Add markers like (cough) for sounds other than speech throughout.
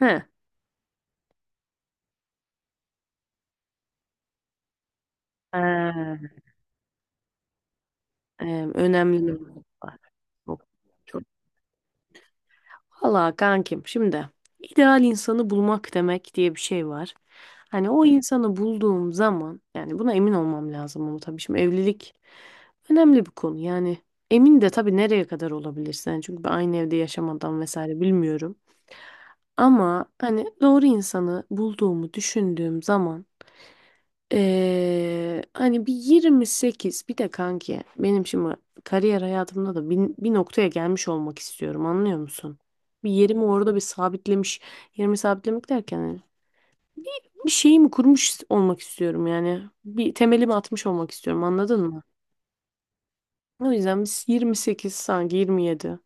He. Ee, Önemli noktalar. Bu. Valla kankim şimdi ideal insanı bulmak demek diye bir şey var. Hani o insanı bulduğum zaman yani buna emin olmam lazım ama tabii şimdi evlilik önemli bir konu. Yani emin de tabii nereye kadar olabilirsin. Yani çünkü ben aynı evde yaşamadan vesaire bilmiyorum. Ama hani doğru insanı bulduğumu düşündüğüm zaman hani bir 28 bir de kanki benim şimdi kariyer hayatımda da bir noktaya gelmiş olmak istiyorum anlıyor musun? Bir yerimi orada bir sabitlemiş yerimi sabitlemek derken hani bir şeyimi kurmuş olmak istiyorum yani bir temelimi atmış olmak istiyorum anladın mı? O yüzden biz 28 sanki 27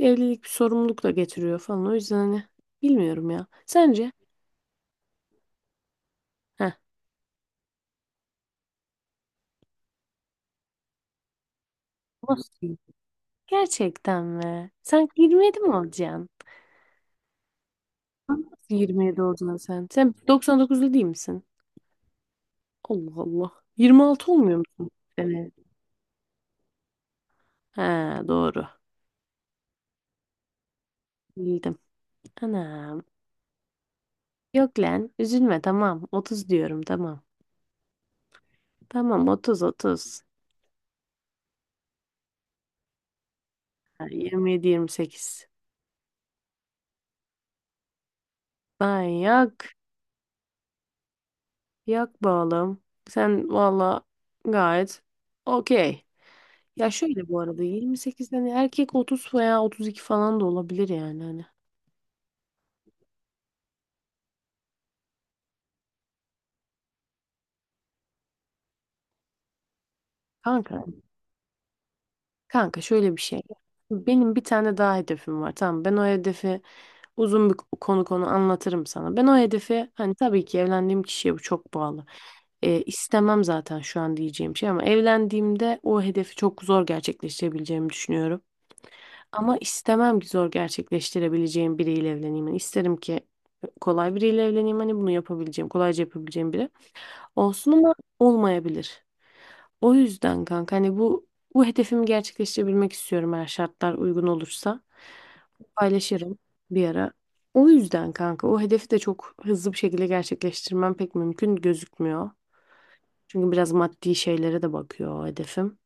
evlilik bir sorumluluk da getiriyor falan o yüzden hani bilmiyorum ya sence? Heh, nasıl? Gerçekten mi? Sen 27 mi olacaksın? Nasıl 27 oldun lan sen? Sen 99'lu değil misin? Allah Allah. 26 olmuyor musun? Evet. Ha, doğru. Bildim. Anam. Yok lan. Üzülme, tamam. 30 diyorum, tamam. Tamam, 30 30. Ha, 27 28. Ben yok. Yok be oğlum. Sen valla gayet okey. Ya şöyle, bu arada 28'den erkek 30 veya 32 falan da olabilir yani hani. Kanka, Kanka şöyle bir şey. Benim bir tane daha hedefim var. Tamam, ben o hedefi uzun bir konu anlatırım sana. Ben o hedefi hani tabii ki evlendiğim kişiye bu çok bağlı. İstemem zaten şu an diyeceğim şey, ama evlendiğimde o hedefi çok zor gerçekleştirebileceğimi düşünüyorum. Ama istemem ki zor gerçekleştirebileceğim biriyle evleneyim. Yani isterim ki kolay biriyle evleneyim. Hani bunu yapabileceğim, kolayca yapabileceğim biri olsun ama olmayabilir. O yüzden kanka hani bu hedefimi gerçekleştirebilmek istiyorum, eğer şartlar uygun olursa. Paylaşırım bir ara. O yüzden kanka o hedefi de çok hızlı bir şekilde gerçekleştirmem pek mümkün gözükmüyor. Çünkü biraz maddi şeylere de bakıyor o hedefim.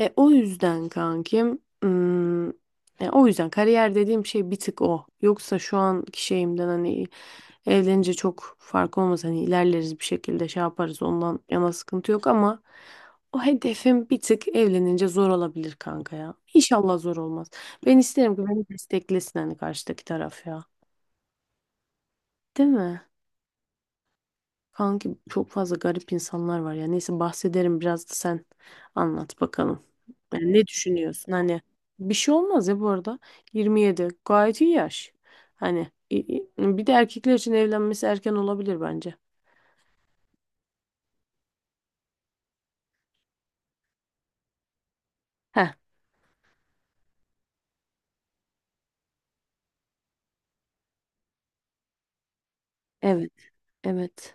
O yüzden kankim, o yüzden kariyer dediğim şey bir tık o. Yoksa şu anki şeyimden hani evlenince çok fark olmaz. Hani ilerleriz bir şekilde, şey yaparız, ondan yana sıkıntı yok ama o hedefim bir tık evlenince zor olabilir kanka ya. İnşallah zor olmaz. Ben isterim ki beni desteklesin hani karşıdaki taraf ya. Değil mi? Kanki çok fazla garip insanlar var ya. Neyse, bahsederim biraz, da sen anlat bakalım. Yani ne düşünüyorsun? Hani bir şey olmaz ya, bu arada. 27 gayet iyi yaş. Hani bir de erkekler için evlenmesi erken olabilir bence. Heh, evet, evet,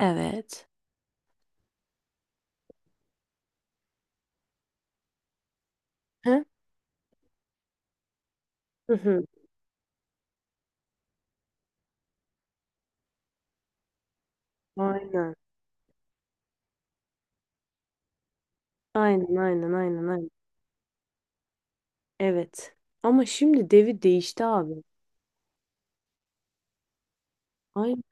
evet. Heh, hı hı. Aynen, aynen, aynen, aynen, aynen. Evet. Ama şimdi devir değişti abi. Aynen,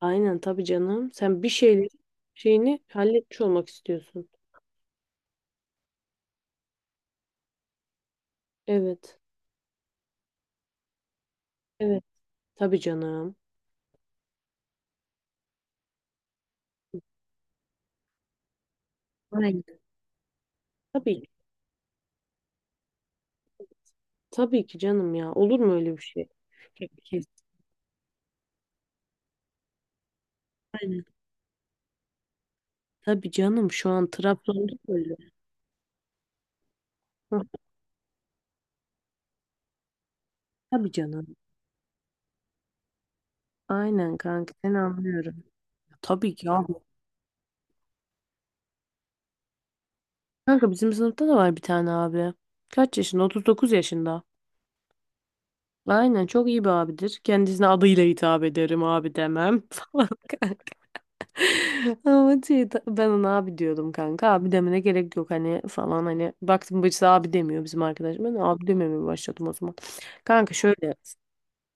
aynen, tabii canım. Sen bir şeyleri şeyini halletmiş olmak istiyorsun. Evet, evet. Tabii canım. Aynen. Tabii Tabii ki canım ya. Olur mu öyle bir şey? Kes. Aynen. Tabii canım. Şu an Trabzon'da öyle. Hah, tabii canım. Aynen kanka. Seni anlıyorum. Tabii ki abi. Kanka, bizim sınıfta da var bir tane abi. Kaç yaşında? 39 yaşında. Aynen, çok iyi bir abidir. Kendisine adıyla hitap ederim, abi demem (laughs) falan kanka. Ama şey, ben ona abi diyordum kanka. Abi demene gerek yok hani falan hani. Baktım, bacısı abi demiyor bizim arkadaş. Ben de abi dememeye başladım o zaman. Kanka şöyle.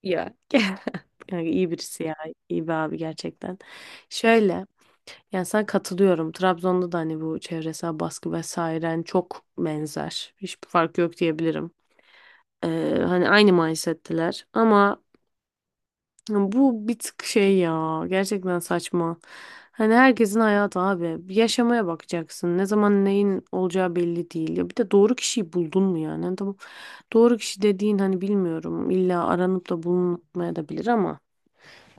Ya. (laughs) Kanka, iyi birisi ya. İyi bir abi gerçekten. Şöyle. Yani sana katılıyorum. Trabzon'da da hani bu çevresel baskı vesaire hani çok benzer. Hiçbir fark yok diyebilirim. Ee, Hani aynı mindset'teler. Ama bu bir tık şey ya. Gerçekten saçma. Hani herkesin hayatı abi. Yaşamaya bakacaksın. Ne zaman neyin olacağı belli değil. Ya bir de doğru kişiyi buldun mu yani? Hani, tamam. Doğru kişi dediğin hani bilmiyorum. İlla aranıp da bulunmaya da bilir ama.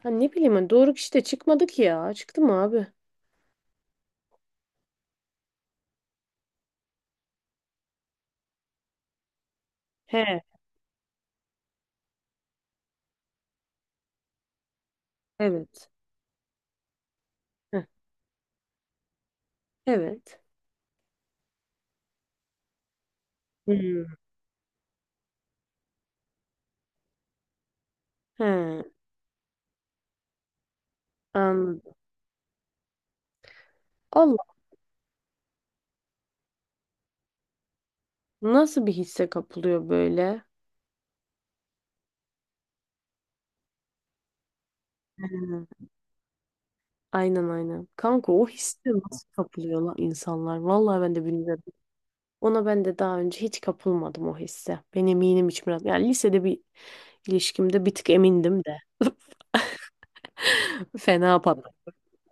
Ha, ne bileyim, ben doğru kişi de çıkmadı ki ya. Çıktı mı abi? He, evet. Heh, evet. Hmm. He, anladım. Allah, nasıl bir hisse kapılıyor böyle? He. Aynen, aynen. Kanka, o hisse nasıl kapılıyor lan insanlar? Vallahi ben de bilmiyorum. Ona ben de daha önce hiç kapılmadım o hisse. Ben eminim hiç biraz. Yani lisede bir ilişkimde bir tık emindim de. (laughs) Fena patladı.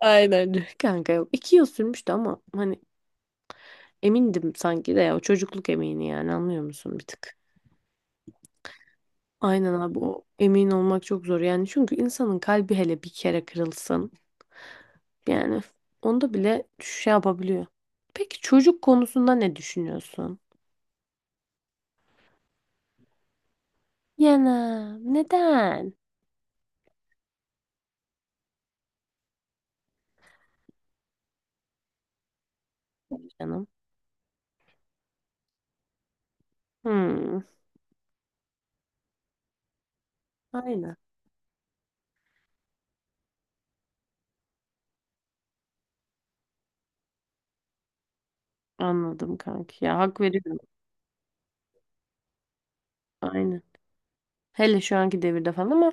Aynen. Kanka yok. 2 yıl sürmüştü ama hani emindim, sanki de ya o çocukluk emini yani, anlıyor musun bir tık? Aynen abi, o emin olmak çok zor yani, çünkü insanın kalbi hele bir kere kırılsın, yani onda bile şey yapabiliyor. Peki çocuk konusunda ne düşünüyorsun? Yana neden? Canım. Hmm, aynen, anladım kanki ya, hak veriyorum, aynen. Hele şu anki devirde falan ama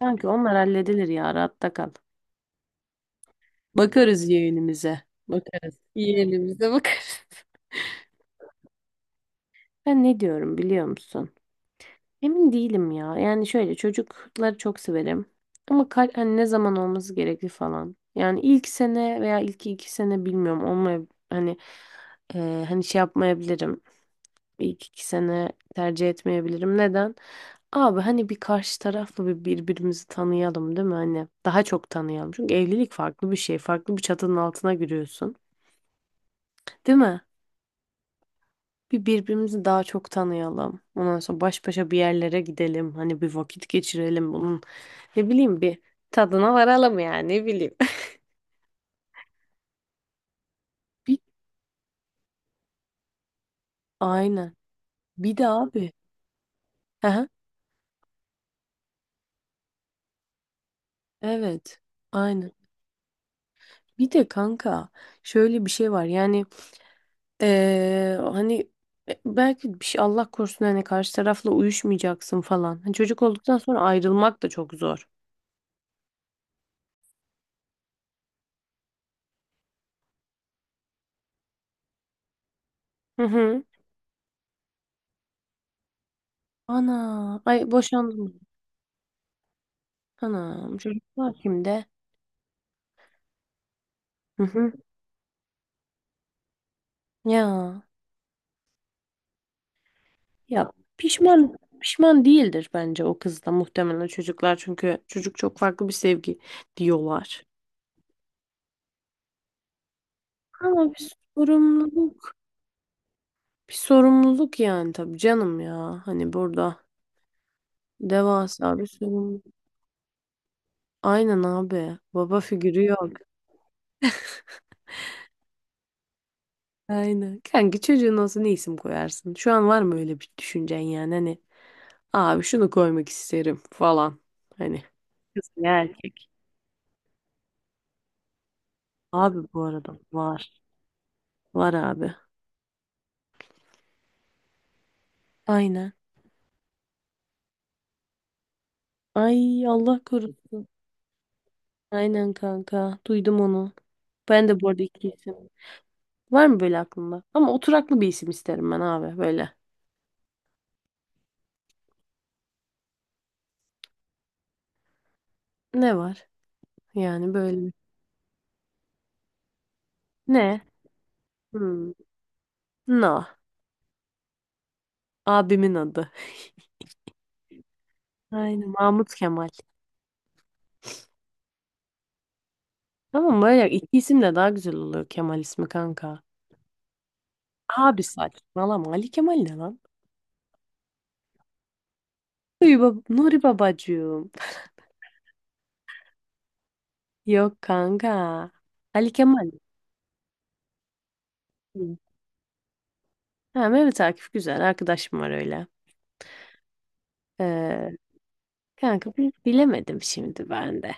kanki onlar halledilir ya, rahatta kal. Bakarız yeğenimize. Bakarız. Yeğenimize bakarız. Ben ne diyorum biliyor musun? Emin değilim ya. Yani şöyle, çocukları çok severim. Ama kal hani ne zaman olması gerekli falan. Yani ilk sene veya ilk 2 sene bilmiyorum. Olmaya hani hani şey yapmayabilirim. İlk 2 sene tercih etmeyebilirim. Neden? Abi hani bir karşı tarafla bir birbirimizi tanıyalım, değil mi? Hani daha çok tanıyalım. Çünkü evlilik farklı bir şey. Farklı bir çatının altına giriyorsun. Değil mi? Bir birbirimizi daha çok tanıyalım. Ondan sonra baş başa bir yerlere gidelim. Hani bir vakit geçirelim bunun. Ne bileyim, bir tadına varalım yani, ne bileyim. (laughs) Bir, aynen. Bir de abi. Aha, evet. Aynen. Bir de kanka şöyle bir şey var. Yani hani, belki bir şey Allah korusun hani karşı tarafla uyuşmayacaksın falan. Hani çocuk olduktan sonra ayrılmak da çok zor. Hı hı. Ana. Ay, boşandım. Anam, çocuklar kimde? Hı hı. Ya, Ya pişman pişman değildir bence, o kız da muhtemelen çocuklar çünkü çocuk çok farklı bir sevgi diyorlar. Ama bir sorumluluk yani, tabii canım ya. Hani burada devasa bir sorumluluk. Aynen abi. Baba figürü yok. Aynen. Kanki, çocuğun olsa ne isim koyarsın? Şu an var mı öyle bir düşüncen yani hani, abi şunu koymak isterim falan. Hani kız ya erkek. Abi bu arada var. Var abi. Aynen. Ay, Allah korusun. Aynen kanka. Duydum onu. Ben de bu arada iki isim. Var mı böyle aklında? Ama oturaklı bir isim isterim ben abi, böyle. Ne var? Yani böyle. Ne? Hmm. No. Abimin adı. Aynen. Mahmut Kemal. Tamam, böyle iki isim de daha güzel oluyor Kemal ismi kanka. Abi, saçmalama. Ali Kemal ne lan? Nuri, Nuri babacığım. Yok kanka. Ali Kemal. Hı. Ha, Mehmet Akif güzel. Arkadaşım var öyle. Ee, Kanka, bilemedim şimdi ben de.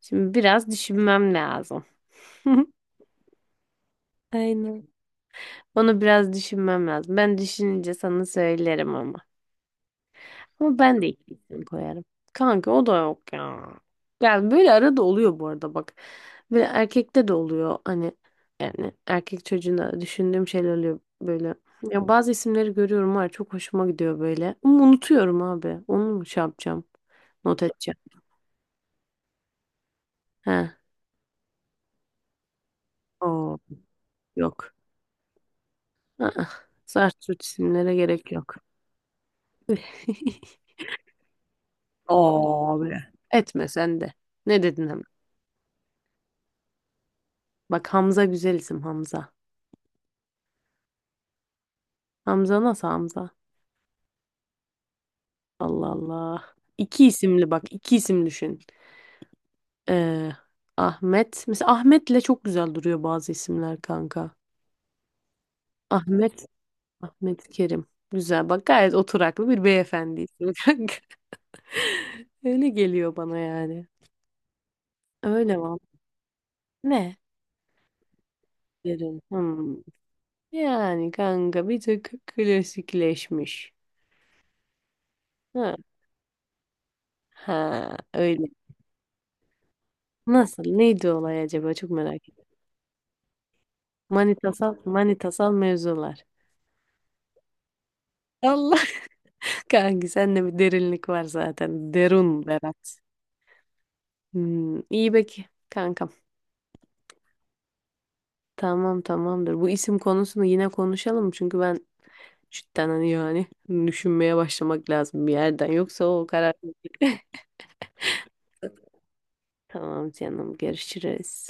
Şimdi biraz düşünmem lazım. (laughs) Aynen. Onu biraz düşünmem lazım. Ben düşününce sana söylerim ama. Ama ben de ilk isim koyarım. Kanka o da yok ya. Yani böyle arada oluyor bu arada, bak. Böyle erkekte de oluyor hani yani erkek çocuğuna düşündüğüm şeyler oluyor böyle. Ya bazı isimleri görüyorum var, çok hoşuma gidiyor böyle. Ama unutuyorum abi. Onu mu şey yapacağım? Not edeceğim. He. Oo, yok. Aa, zart zurt isimlere gerek yok. (laughs) Abi. Etme sen de. Ne dedin hemen? Bak, Hamza güzel isim, Hamza. Hamza nasıl, Hamza? Allah Allah. İki isimli bak, iki isim düşün. Ee, Ahmet. Mesela Ahmet'le çok güzel duruyor bazı isimler kanka. Ahmet. Ahmet Kerim. Güzel bak, gayet oturaklı bir beyefendi ismi kanka. (laughs) Öyle geliyor bana yani. Öyle var. Ne? Kerim. Hmm. Yani kanka bir tık klasikleşmiş. Ha, ha öyle. Nasıl? Neydi olay acaba? Çok merak ediyorum. Manitasal, manitasal mevzular. Allah, (laughs) kanki sende bir derinlik var zaten. Derun Berat. İyi peki kankam. Tamam, tamamdır. Bu isim konusunu yine konuşalım. Çünkü ben cidden hani yani düşünmeye başlamak lazım bir yerden. Yoksa o karar... (laughs) Tamam canım, görüşürüz.